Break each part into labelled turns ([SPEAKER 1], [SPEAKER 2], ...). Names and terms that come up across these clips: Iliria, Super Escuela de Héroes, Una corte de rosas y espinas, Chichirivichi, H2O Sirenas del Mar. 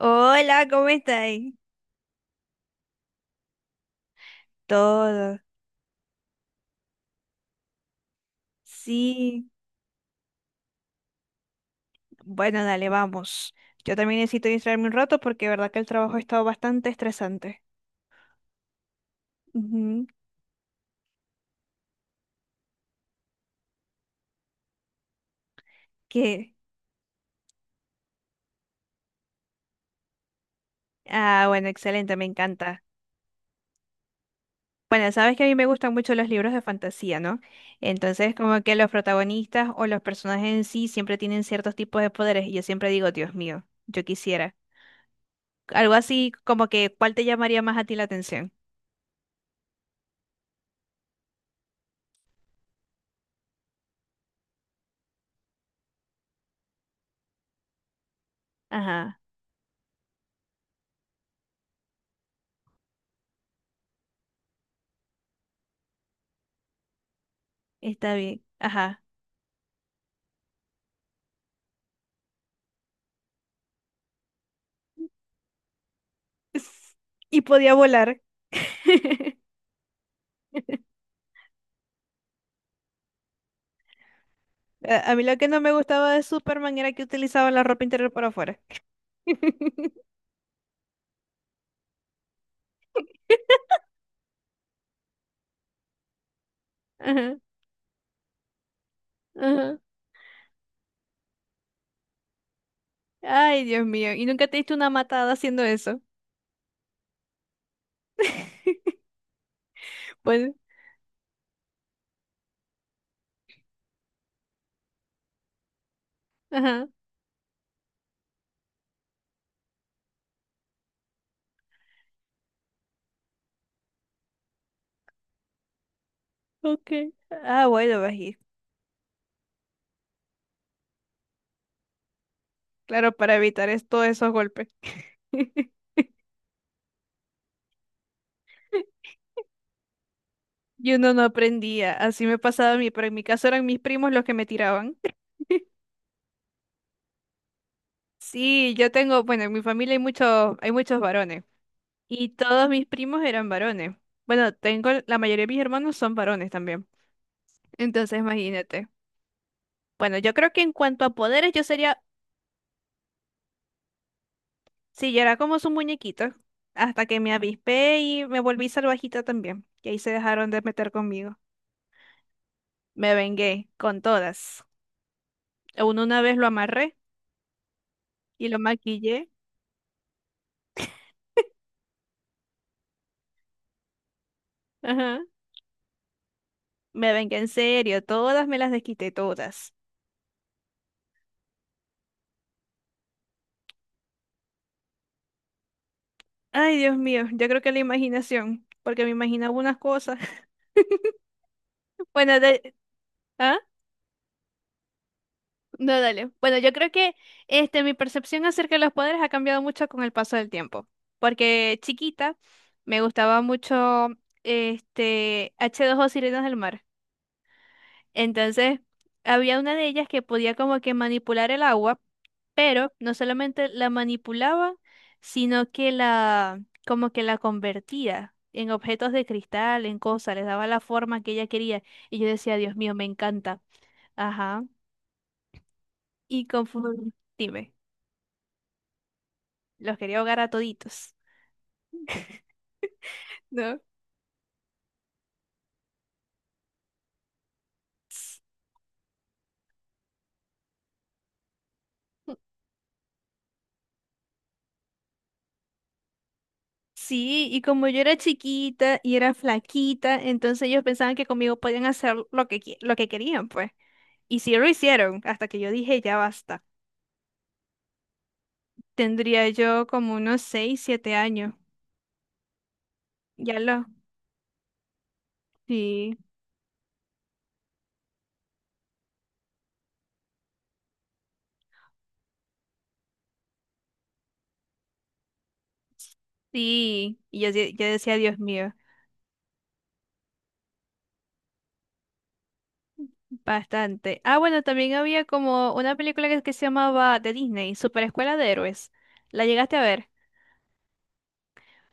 [SPEAKER 1] Hola, ¿cómo estáis? Todo. Sí, bueno, dale, vamos. Yo también necesito distraerme un rato porque de verdad que el trabajo ha estado bastante estresante. Ujú. ¿Qué? Ah, bueno, excelente, me encanta. Bueno, sabes que a mí me gustan mucho los libros de fantasía, ¿no? Entonces, como que los protagonistas o los personajes en sí siempre tienen ciertos tipos de poderes y yo siempre digo, Dios mío, yo quisiera. Algo así como que, ¿cuál te llamaría más a ti la atención? Ajá, está bien. Ajá. Y podía volar. A mí lo que no me gustaba de Superman era que utilizaba la ropa interior por afuera. Ajá, ajá. Ay, Dios mío. ¿Y nunca te diste una matada haciendo eso? Pues, ajá, ok. Ah, bueno, bají. Claro, para evitar todos esos golpes. Y uno no aprendía. Así me pasaba a mí, pero en mi caso eran mis primos los que me tiraban. Sí, yo tengo, bueno, en mi familia hay muchos varones. Y todos mis primos eran varones. Bueno, tengo, la mayoría de mis hermanos son varones también. Entonces, imagínate. Bueno, yo creo que en cuanto a poderes, yo sería, sí, yo era como su muñequito, hasta que me avispé y me volví salvajita también, que ahí se dejaron de meter conmigo. Me vengué con todas. Aún una vez lo amarré y lo maquillé. Ajá. Me vengué en serio, todas me las desquité, todas. Ay, Dios mío, yo creo que la imaginación, porque me imaginaba unas cosas. Bueno, de... ¿ah? No, dale. Bueno, yo creo que mi percepción acerca de los poderes ha cambiado mucho con el paso del tiempo. Porque chiquita me gustaba mucho H2O Sirenas del Mar. Entonces, había una de ellas que podía como que manipular el agua, pero no solamente la manipulaba, sino que la como que la convertía en objetos de cristal, en cosas, les daba la forma que ella quería. Y yo decía, Dios mío, me encanta. Ajá. Y conforme, dime. Los quería ahogar a toditos. ¿No? Sí, y como yo era chiquita y era flaquita, entonces ellos pensaban que conmigo podían hacer lo que, lo que querían, pues. Y sí lo hicieron, hasta que yo dije, ya basta. Tendría yo como unos 6, 7 años. Ya lo. Sí, sí. Y yo, yo decía, Dios mío, bastante. Ah, bueno, también había como una película que se llamaba de Disney, Super Escuela de Héroes. ¿La llegaste a ver?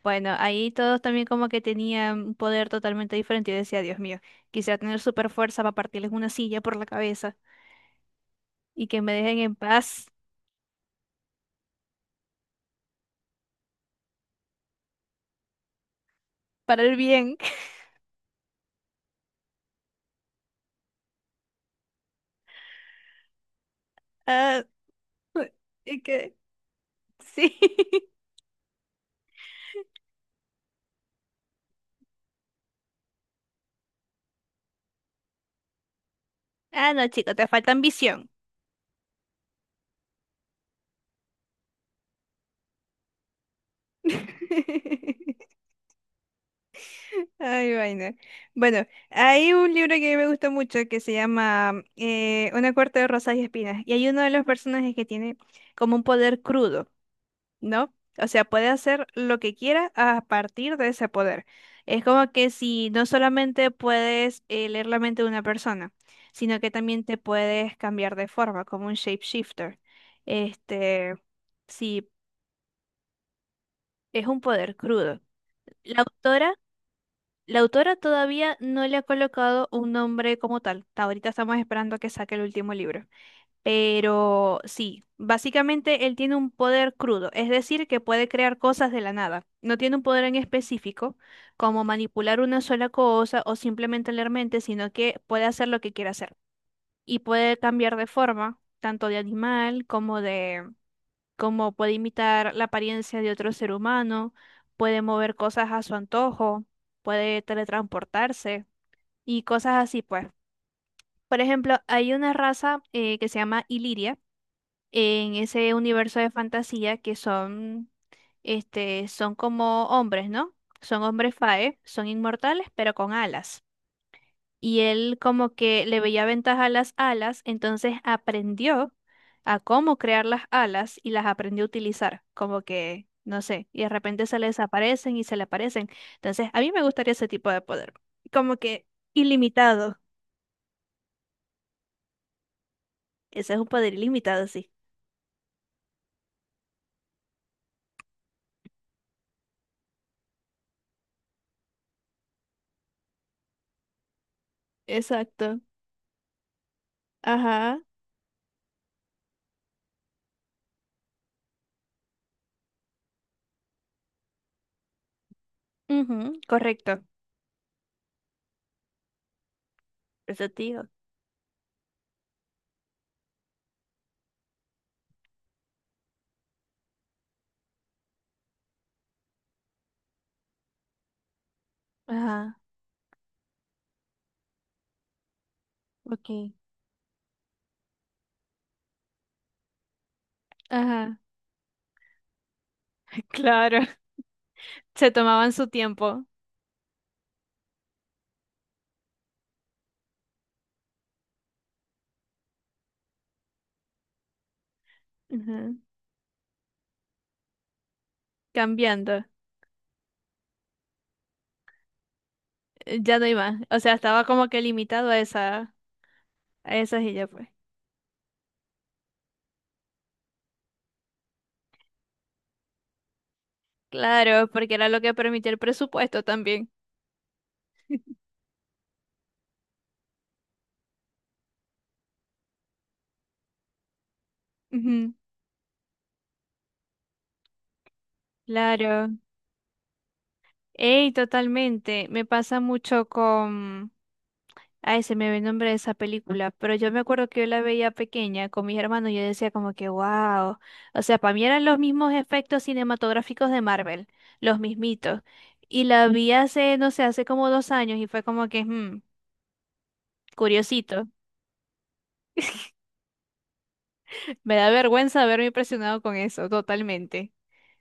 [SPEAKER 1] Bueno, ahí todos también como que tenían un poder totalmente diferente. Yo decía, Dios mío, quisiera tener super fuerza para partirles una silla por la cabeza y que me dejen en paz para el bien. Ah, y que sí. Ah, no, chico, te falta ambición. Ay, vaina. Bueno, hay un libro que me gusta mucho que se llama Una corte de rosas y espinas. Y hay uno de los personajes que tiene como un poder crudo. ¿No? O sea, puede hacer lo que quiera a partir de ese poder. Es como que si no solamente puedes leer la mente de una persona, sino que también te puedes cambiar de forma, como un shapeshifter. Este, sí, es un poder crudo. La autora, la autora todavía no le ha colocado un nombre como tal. Hasta ahorita estamos esperando a que saque el último libro. Pero sí, básicamente él tiene un poder crudo, es decir, que puede crear cosas de la nada. No tiene un poder en específico, como manipular una sola cosa o simplemente leer mente, sino que puede hacer lo que quiera hacer. Y puede cambiar de forma, tanto de animal como como puede imitar la apariencia de otro ser humano, puede mover cosas a su antojo, puede teletransportarse y cosas así, pues. Por ejemplo, hay una raza que se llama Iliria en ese universo de fantasía que son como hombres, ¿no? Son hombres fae, son inmortales, pero con alas. Y él como que le veía ventaja a las alas, entonces aprendió a cómo crear las alas y las aprendió a utilizar, como que, no sé, y de repente se le desaparecen y se le aparecen. Entonces, a mí me gustaría ese tipo de poder, como que ilimitado. Ese es un poder ilimitado, sí. Exacto. Ajá. Ujú, correcto. Eso, tío. Ajá, ok. Ajá, claro. Se tomaban su tiempo, ujú, cambiando. Ya no hay más. O sea, estaba como que limitado a esa, a esas y ya pues. Claro, porque era lo que permitía el presupuesto también. Ujú, claro. Ey, totalmente. Me pasa mucho con. Ay, se me ve el nombre de esa película, pero yo me acuerdo que yo la veía pequeña con mis hermanos y yo decía como que wow, o sea, para mí eran los mismos efectos cinematográficos de Marvel, los mismitos. Y la vi hace, no sé, hace como 2 años y fue como que, curiosito. Me da vergüenza haberme impresionado con eso, totalmente.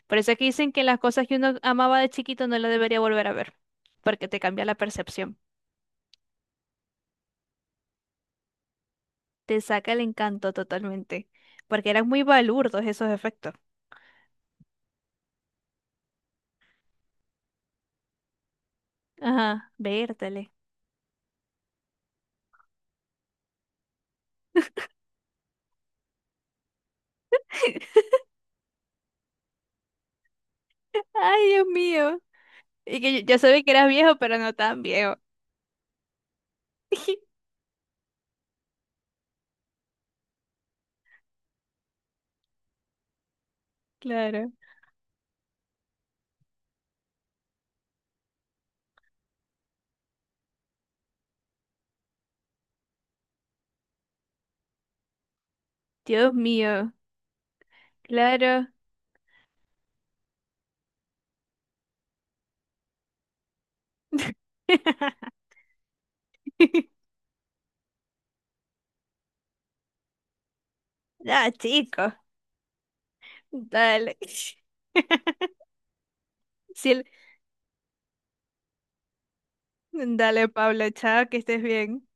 [SPEAKER 1] Por eso es que dicen que las cosas que uno amaba de chiquito no las debería volver a ver, porque te cambia la percepción, te saca el encanto totalmente, porque eran muy balurdos esos efectos. Ajá, vértale. Ay, Dios mío. Y que yo sabía que eras viejo, pero no tan viejo. Claro. Dios mío, claro. Ah, chico. Dale. Sí, dale, Paula, chao, que estés bien.